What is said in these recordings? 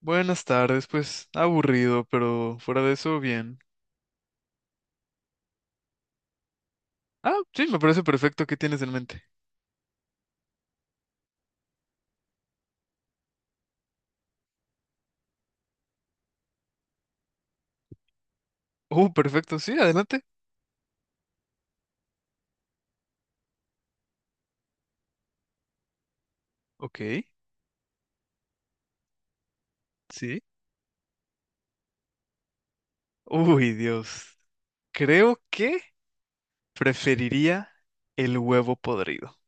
Buenas tardes, pues aburrido, pero fuera de eso, bien. Ah, sí, me parece perfecto. ¿Qué tienes en mente? Perfecto, sí, adelante. Ok, sí. Uy, Dios. Creo que preferiría el huevo podrido.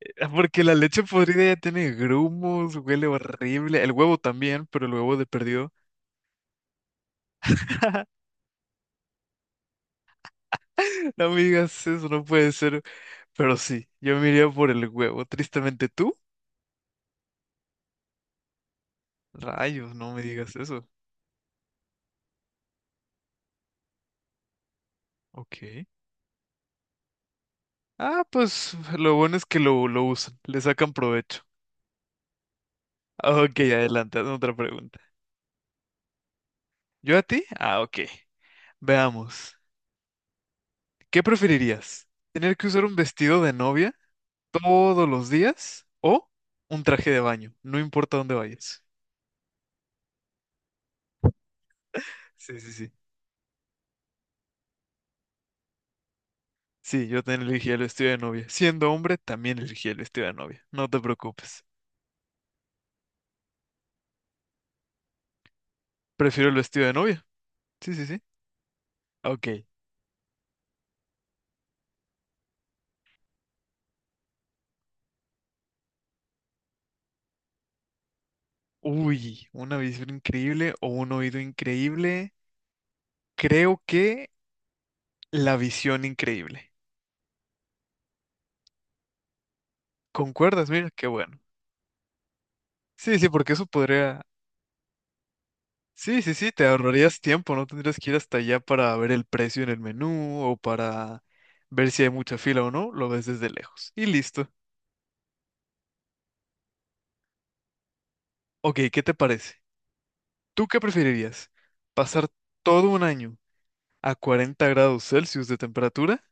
Porque la leche podrida ya tiene grumos, huele horrible. El huevo también, pero el huevo de perdido. No me digas eso, no puede ser. Pero sí, yo me iría por el huevo. Tristemente, ¿tú? Rayos, no me digas eso. Ok. Ah, pues lo bueno es que lo usan, le sacan provecho. Ok, adelante, hazme otra pregunta. ¿Yo a ti? Ah, ok. Veamos. ¿Qué preferirías? ¿Tener que usar un vestido de novia todos los días o un traje de baño? No importa dónde vayas. Sí, sí, sí. Sí, yo también elegí el vestido de novia. Siendo hombre, también elegí el vestido de novia. No te preocupes. Prefiero el vestido de novia. Sí, sí, sí. Ok. Uy, una visión increíble o un oído increíble. Creo que la visión increíble. ¿Concuerdas? Mira, qué bueno. Sí, sí, porque eso podría... Sí, sí, sí, te ahorrarías tiempo, no tendrías que ir hasta allá para ver el precio en el menú o para ver si hay mucha fila o no, lo ves desde lejos. Y listo. Ok, ¿qué te parece? ¿Tú qué preferirías? ¿Pasar todo un año a 40 grados Celsius de temperatura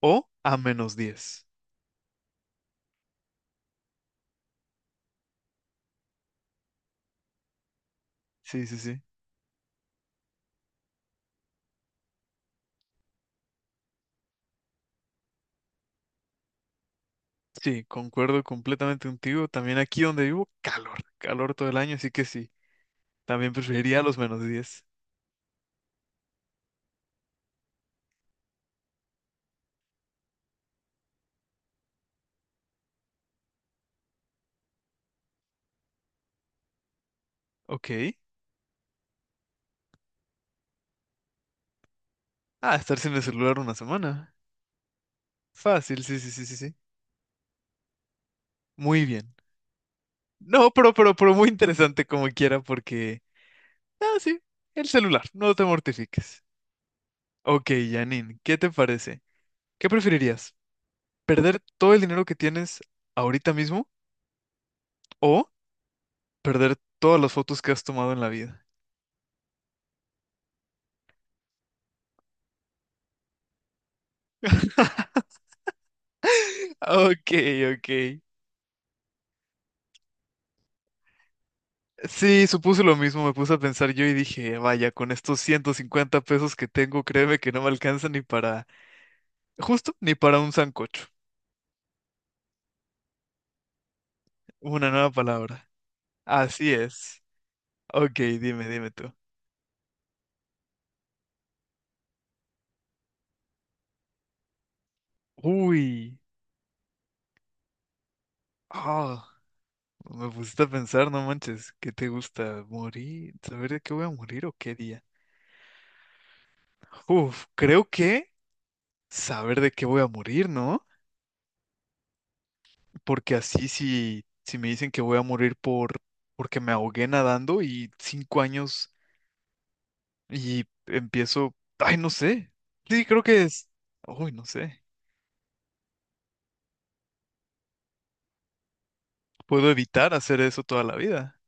o a -10? Sí, sí, sí. Sí, concuerdo completamente contigo. También aquí donde vivo, calor, calor todo el año, así que sí, también preferiría los -10. Ok. Ah, estar sin el celular una semana. Fácil, sí, sí, sí, sí, sí. Muy bien. No, pero muy interesante como quiera porque... Ah, sí, el celular, no te mortifiques. Ok, Janine, ¿qué te parece? ¿Qué preferirías? ¿Perder todo el dinero que tienes ahorita mismo o perder todas las fotos que has tomado en la vida? Ok, ok. Sí, supuse lo mismo, me puse a pensar yo y dije, vaya, con estos 150 pesos que tengo, créeme que no me alcanza ni para, justo, ni para un sancocho. Una nueva palabra. Así es. Ok, dime, dime tú. Uy. Ah, me pusiste a pensar, no manches. ¿Qué te gusta? ¿Morir? ¿Saber de qué voy a morir o qué día? Uf, creo que saber de qué voy a morir, ¿no? Porque así si me dicen que voy a morir porque me ahogué nadando y 5 años y empiezo. Ay, no sé. Sí, creo que es. Uy, no sé. Puedo evitar hacer eso toda la vida.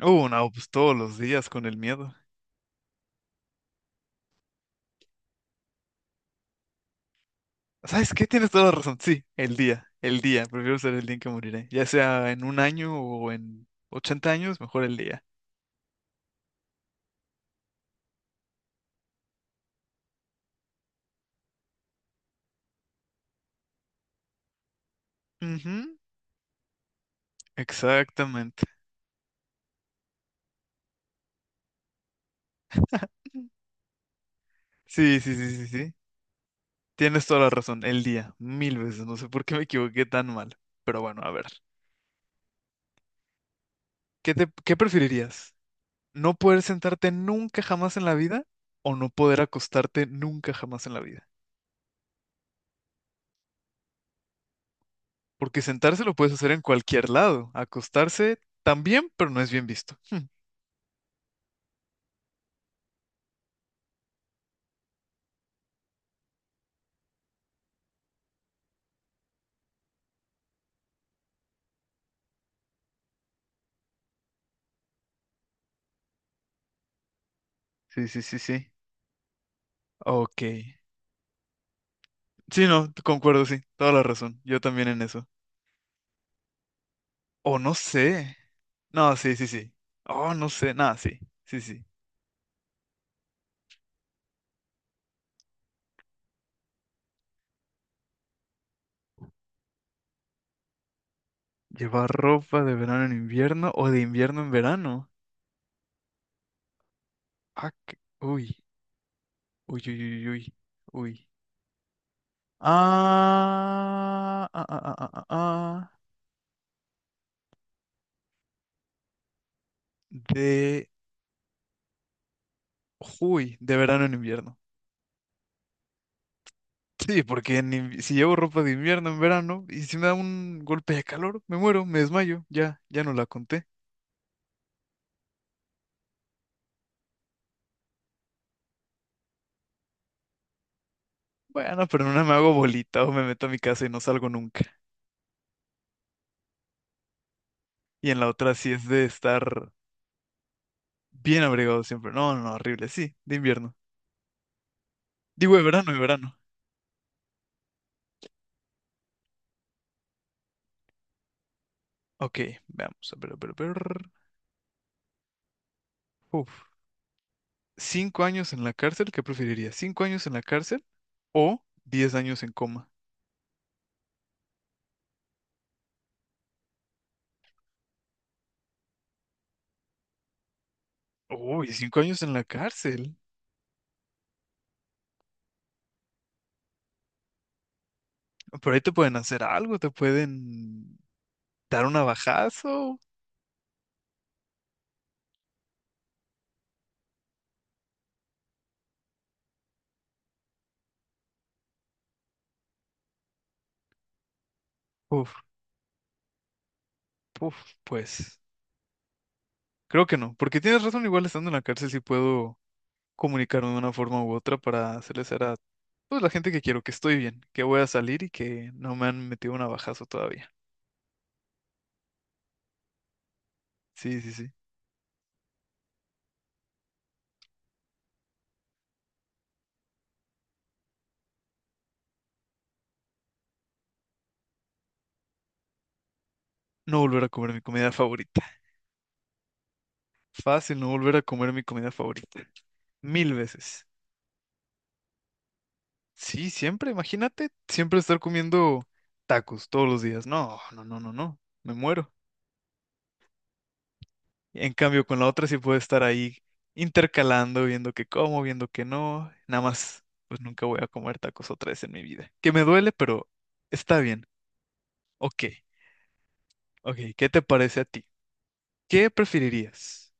No, pues todos los días con el miedo. ¿Sabes qué? Tienes toda la razón. Sí, el día, el día. Prefiero ser el día en que moriré. Ya sea en un año o en 80 años, mejor el día. Ujú, exactamente. Sí, sí, sí, sí, sí. Tienes toda la razón. El día, mil veces. No sé por qué me equivoqué tan mal. Pero bueno, a ver. ¿Qué preferirías? ¿No poder sentarte nunca jamás en la vida o no poder acostarte nunca jamás en la vida? Porque sentarse lo puedes hacer en cualquier lado. Acostarse también, pero no es bien visto. Sí, sí, sí, sí. Ok. Sí, no, te concuerdo, sí, toda la razón. Yo también en eso. O no sé. No, sí, sí, sí. Oh, no sé, nada, sí, sí, sí. Llevar ropa de verano en invierno o de invierno en verano. Ah, uy, uy, uy, uy, uy, uy. Ah, ah, ah, ah, ah, ah. De, de verano en invierno. Sí, porque si llevo ropa de invierno en verano y si me da un golpe de calor, me muero, me desmayo, ya, ya no la conté. Bueno, pero en una me hago bolita o me meto a mi casa y no salgo nunca. Y en la otra sí es de estar bien abrigado siempre. No, no, no, horrible. Sí, de invierno. Digo, de verano, de verano. Ok, veamos. A ver, a ver, a ver. Uf. ¿5 años en la cárcel? ¿Qué preferirías? ¿5 años en la cárcel o 10 años en coma? Uy, 5 años en la cárcel. Por ahí te pueden hacer algo, te pueden dar un abajazo. Uf, uf, pues. Creo que no, porque tienes razón, igual estando en la cárcel sí puedo. Comunicarme de una forma u otra para hacerles saber a pues, la gente que quiero, que estoy bien, que voy a salir y que no me han metido un navajazo todavía. Sí, sí, sí. No volver a comer mi comida favorita. Fácil, no volver a comer mi comida favorita. Mil veces. Sí, siempre, imagínate, siempre estar comiendo tacos todos los días. No, no, no, no, no. Me muero. En cambio, con la otra sí puedo estar ahí intercalando, viendo que como, viendo que no. Nada más, pues nunca voy a comer tacos otra vez en mi vida. Que me duele, pero está bien. Ok, ok, ¿qué te parece a ti? ¿Qué preferirías?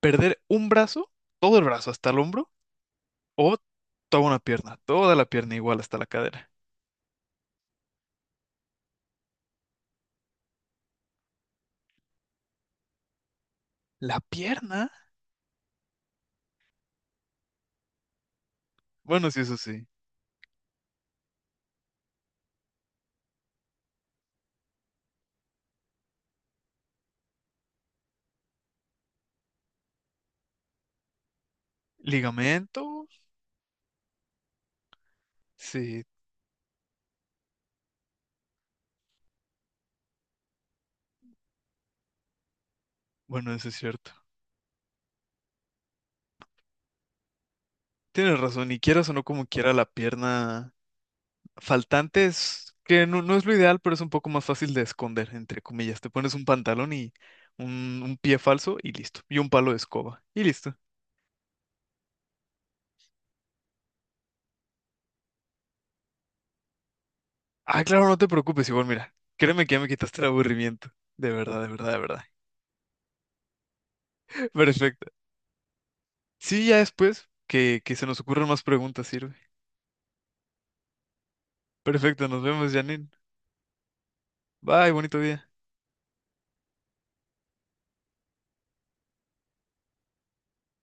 ¿Perder un brazo, todo el brazo hasta el hombro, o toda una pierna, toda la pierna igual hasta la cadera? ¿La pierna? Bueno, sí, eso sí. ¿Ligamento? Sí, bueno, eso es cierto. Tienes razón, y quieras o no como quiera la pierna faltante es que no, no es lo ideal, pero es un poco más fácil de esconder, entre comillas. Te pones un pantalón y un pie falso y listo, y un palo de escoba y listo. Ah, claro, no te preocupes, igual, mira. Créeme que ya me quitaste el aburrimiento. De verdad, de verdad, de verdad. Perfecto. Sí, ya después que se nos ocurran más preguntas, sirve. Perfecto, nos vemos, Janine. Bye, bonito día.